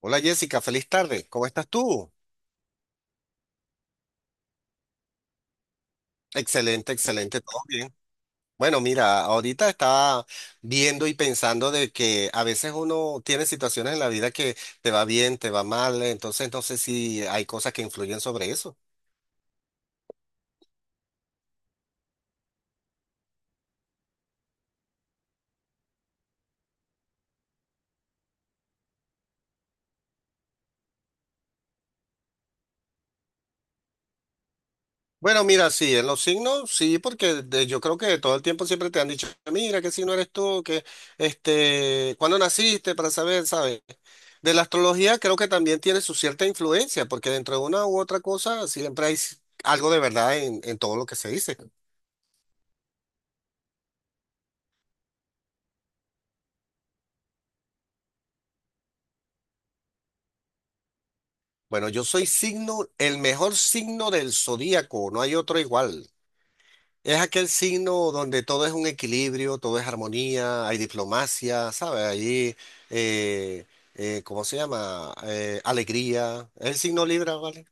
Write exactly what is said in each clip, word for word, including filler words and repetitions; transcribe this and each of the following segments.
Hola Jessica, feliz tarde. ¿Cómo estás tú? Excelente, excelente, todo bien. Bueno, mira, ahorita estaba viendo y pensando de que a veces uno tiene situaciones en la vida que te va bien, te va mal, entonces no sé si hay cosas que influyen sobre eso. Bueno, mira, sí, en los signos, sí, porque de- yo creo que todo el tiempo siempre te han dicho, mira, qué signo eres tú, que, este, cuándo naciste, para saber, ¿sabes? De la astrología creo que también tiene su cierta influencia, porque dentro de una u otra cosa siempre hay s- algo de verdad en, en todo lo que se dice. Bueno, yo soy signo, el mejor signo del zodíaco, no hay otro igual. Es aquel signo donde todo es un equilibrio, todo es armonía, hay diplomacia, ¿sabes? Allí, eh, eh, ¿cómo se llama? Eh, alegría. Es el signo Libra, ¿vale?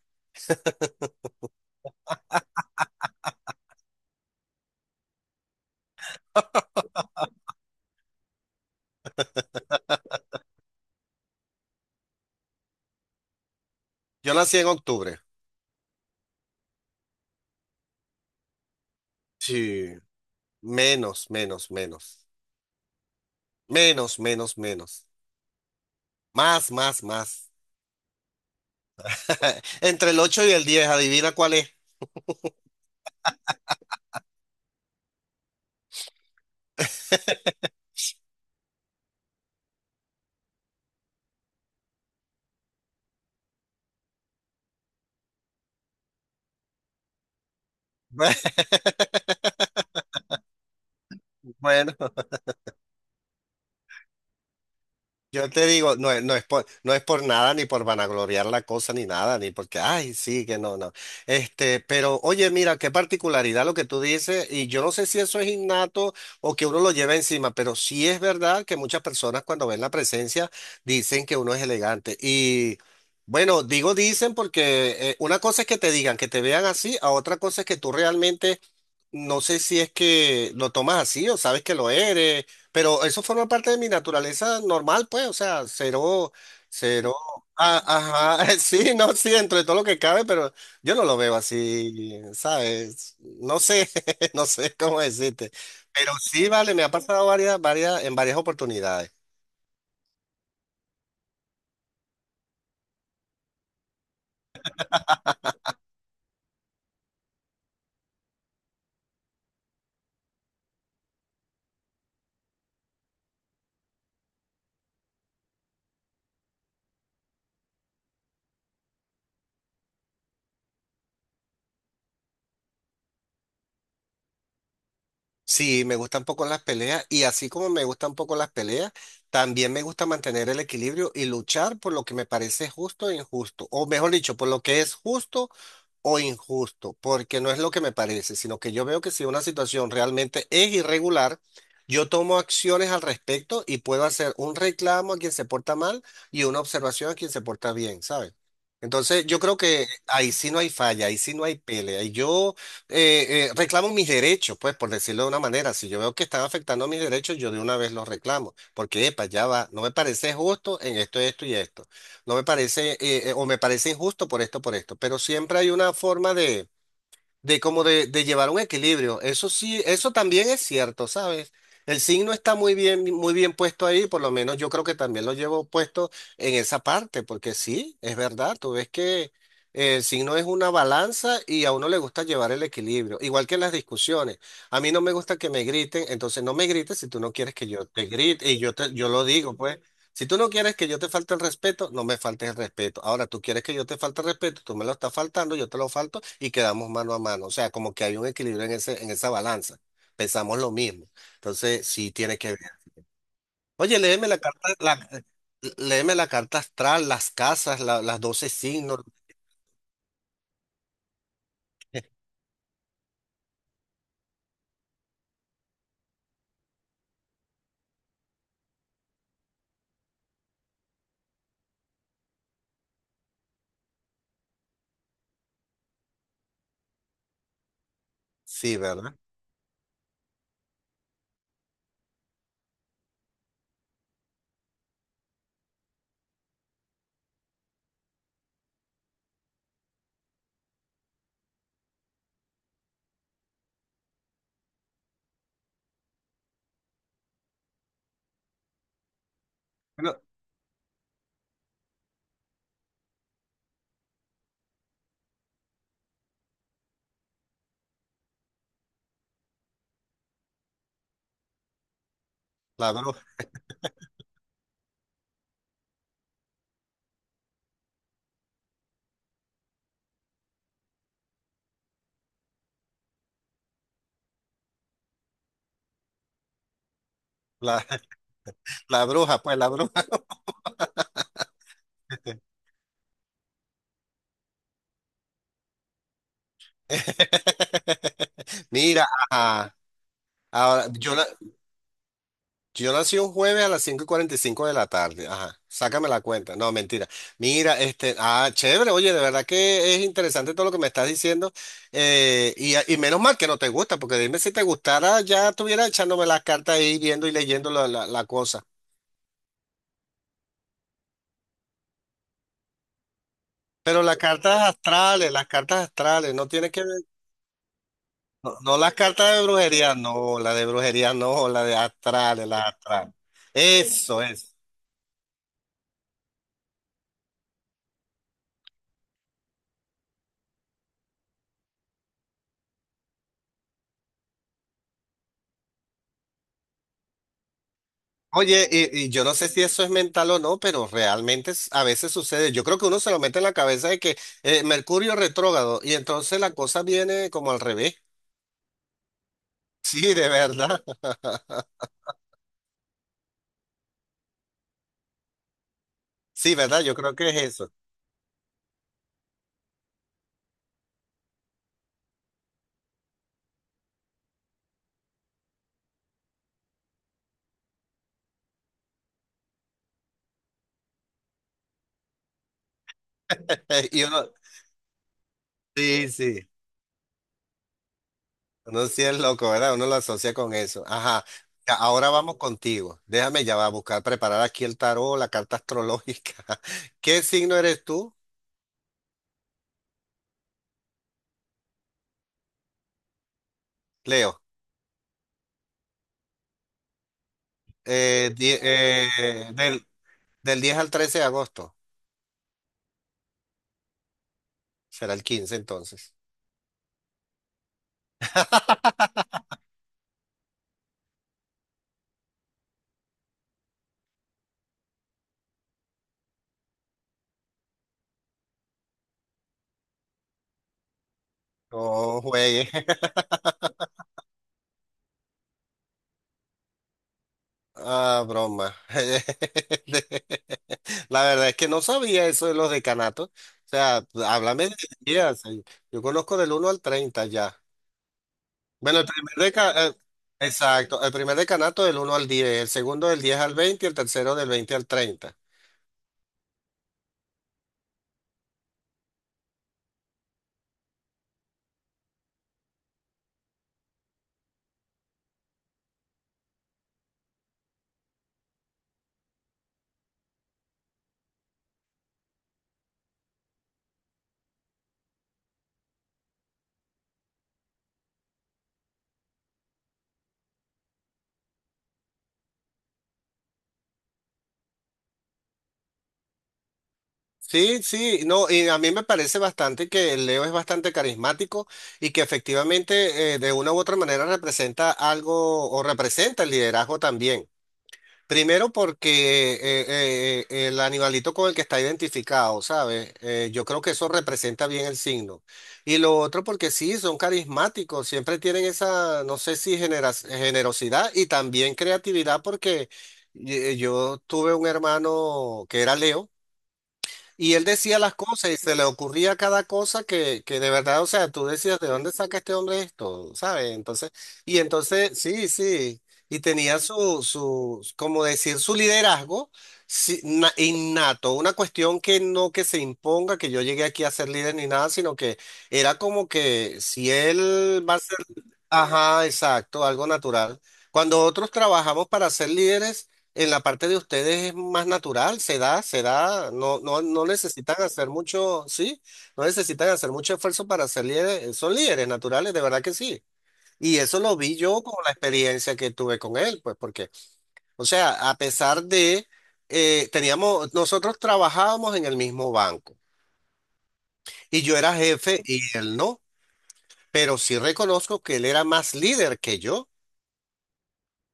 Yo nací en octubre. Sí, menos, menos, menos. Menos, menos, menos. Más, más, más. Entre el ocho y el diez, adivina cuál es. Bueno, yo te digo, no, es- no es por, no es por nada, ni por vanagloriar la cosa, ni nada, ni porque, ay, sí, que no, no. Este, pero oye, mira, qué particularidad lo que tú dices, y yo no sé si eso es innato o que uno lo lleva encima, pero sí es verdad que muchas personas cuando ven la presencia dicen que uno es elegante. Y bueno, digo dicen porque eh, una cosa es que te digan, que te vean así, a otra cosa es que tú realmente. No sé si es que lo tomas así o sabes que lo eres, pero eso forma parte de mi naturaleza normal, pues, o sea, cero, cero. Ah, ajá, sí, no, sí, dentro de todo lo que cabe, pero yo no lo veo así, ¿sabes? No sé, no sé cómo decirte. Pero sí, vale, me ha pasado varias, varias, en varias oportunidades. Sí, me gustan poco las peleas y así como me gustan poco las peleas, también me gusta mantener el equilibrio y luchar por lo que me parece justo e injusto, o mejor dicho, por lo que es justo o injusto, porque no es lo que me parece, sino que yo veo que si una situación realmente es irregular, yo tomo acciones al respecto y puedo hacer un reclamo a quien se porta mal y una observación a quien se porta bien, ¿sabes? Entonces, yo creo que ahí sí no hay falla, ahí sí no hay pelea. Y yo eh, eh, reclamo mis derechos, pues, por decirlo de una manera. Si yo veo que están afectando mis derechos, yo de una vez los reclamo, porque, epa, ya va, no me parece justo en esto, esto y esto. No me parece, eh, eh, o me parece injusto por esto, por esto, pero siempre hay una forma de, de como de, de llevar un equilibrio. Eso sí, eso también es cierto, ¿sabes? El signo está muy bien, muy bien puesto ahí, por lo menos yo creo que también lo llevo puesto en esa parte, porque sí, es verdad, tú ves que eh, el signo es una balanza y a uno le gusta llevar el equilibrio, igual que en las discusiones. A mí no me gusta que me griten, entonces no me grites si tú no quieres que yo te grite, y yo te, yo lo digo, pues. Si tú no quieres que yo te falte el respeto, no me faltes el respeto. Ahora, tú quieres que yo te falte el respeto, tú me lo estás faltando, yo te lo falto y quedamos mano a mano. O sea, como que hay un equilibrio en ese, en esa balanza. Pensamos lo mismo. Entonces, sí tiene que ver. Oye, léeme la carta, la, léeme la carta astral, las casas, la- las doce signos. Sí, ¿verdad? Bueno, la bruja, la, la bruja, pues la bruja. Mira, ajá. Ahora, yo la, Yo nací un jueves a las cinco y y cuarenta y cinco de la tarde. Ajá, sácame la cuenta. No, mentira. Mira, este, ah, chévere, oye, de verdad que es interesante todo lo que me estás diciendo. Eh, y, y menos mal que no te gusta, porque dime si te gustara, ya estuviera echándome las cartas ahí, viendo y leyendo la, la- la cosa. Pero las cartas astrales, las cartas astrales no tiene que ver, no, no las cartas de brujería, no, la de brujería, no, la de astrales, las astrales. Eso es. Oye, y, y yo no sé si eso es mental o no, pero realmente es- a veces sucede. Yo creo que uno se lo mete en la cabeza de que eh, Mercurio retrógrado y entonces la cosa viene como al revés. Sí, de verdad. Sí, ¿verdad? Yo creo que es eso. y uno, sí, sí, uno sí es loco, ¿verdad? Uno lo asocia con eso. Ajá. Ya, ahora vamos contigo. Déjame ya va a buscar, preparar aquí el tarot, la carta astrológica. ¿Qué signo eres tú, Leo? Eh, di- eh, del, Del diez al trece de agosto. Será el quince, entonces. No juegue. Ah, broma. La verdad es que no sabía eso de los decanatos. O sea, háblame de días. Yo conozco del uno al treinta ya. Bueno, el primer deca- eh, exacto, el primer decanato del uno al diez, el segundo del diez al veinte, y el tercero del veinte al treinta. Sí, sí, no, y a mí me parece bastante que Leo es bastante carismático y que efectivamente eh, de una u otra manera representa algo o representa el liderazgo también. Primero porque eh, eh, eh, el animalito con el que está identificado, ¿sabes? Eh, yo creo que eso representa bien el signo. Y lo otro porque sí, son carismáticos, siempre tienen esa, no sé si genera- generosidad y también creatividad porque eh, yo tuve un hermano que era Leo. Y él decía las cosas y se le ocurría cada cosa que, que de verdad, o sea, tú decías, ¿de dónde saca este hombre esto? ¿Sabes? Entonces, y entonces, sí, sí. Y tenía su, su, como decir, su liderazgo sí, na- innato, una cuestión que no que se imponga, que yo llegué aquí a ser líder ni nada, sino que era como que si él va a ser, ajá, exacto, algo natural. Cuando otros trabajamos para ser líderes, en la parte de ustedes es más natural, se da, se da, no, no, no necesitan hacer mucho, sí, no necesitan hacer mucho esfuerzo para ser líderes, son líderes naturales, de verdad que sí. Y eso lo vi yo con la experiencia que tuve con él, pues porque, o sea, a pesar de, eh, teníamos, nosotros trabajábamos en el mismo banco y yo era jefe y él no, pero sí reconozco que él era más líder que yo.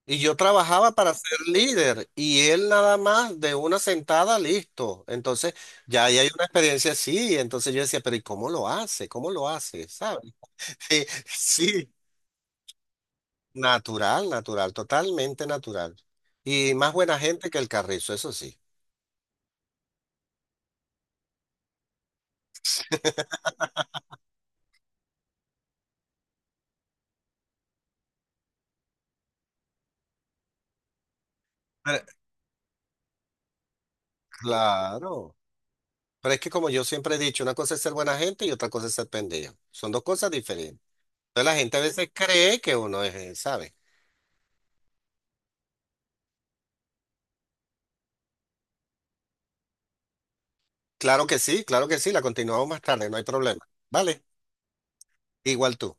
Y yo trabajaba para ser líder y él nada más de una sentada, listo. Entonces, ya ahí hay una experiencia así. Entonces yo decía, pero ¿y cómo lo hace? ¿Cómo lo hace? ¿Sabes? Sí, sí, natural, natural, totalmente natural. Y más buena gente que el carrizo, eso sí. Pero claro. Pero es que como yo siempre he dicho, una cosa es ser buena gente y otra cosa es ser pendejo. Son dos cosas diferentes. Entonces la gente a veces cree que uno es, eh, ¿sabes? Claro que sí, claro que sí, la continuamos más tarde, no hay problema. ¿Vale? Igual tú.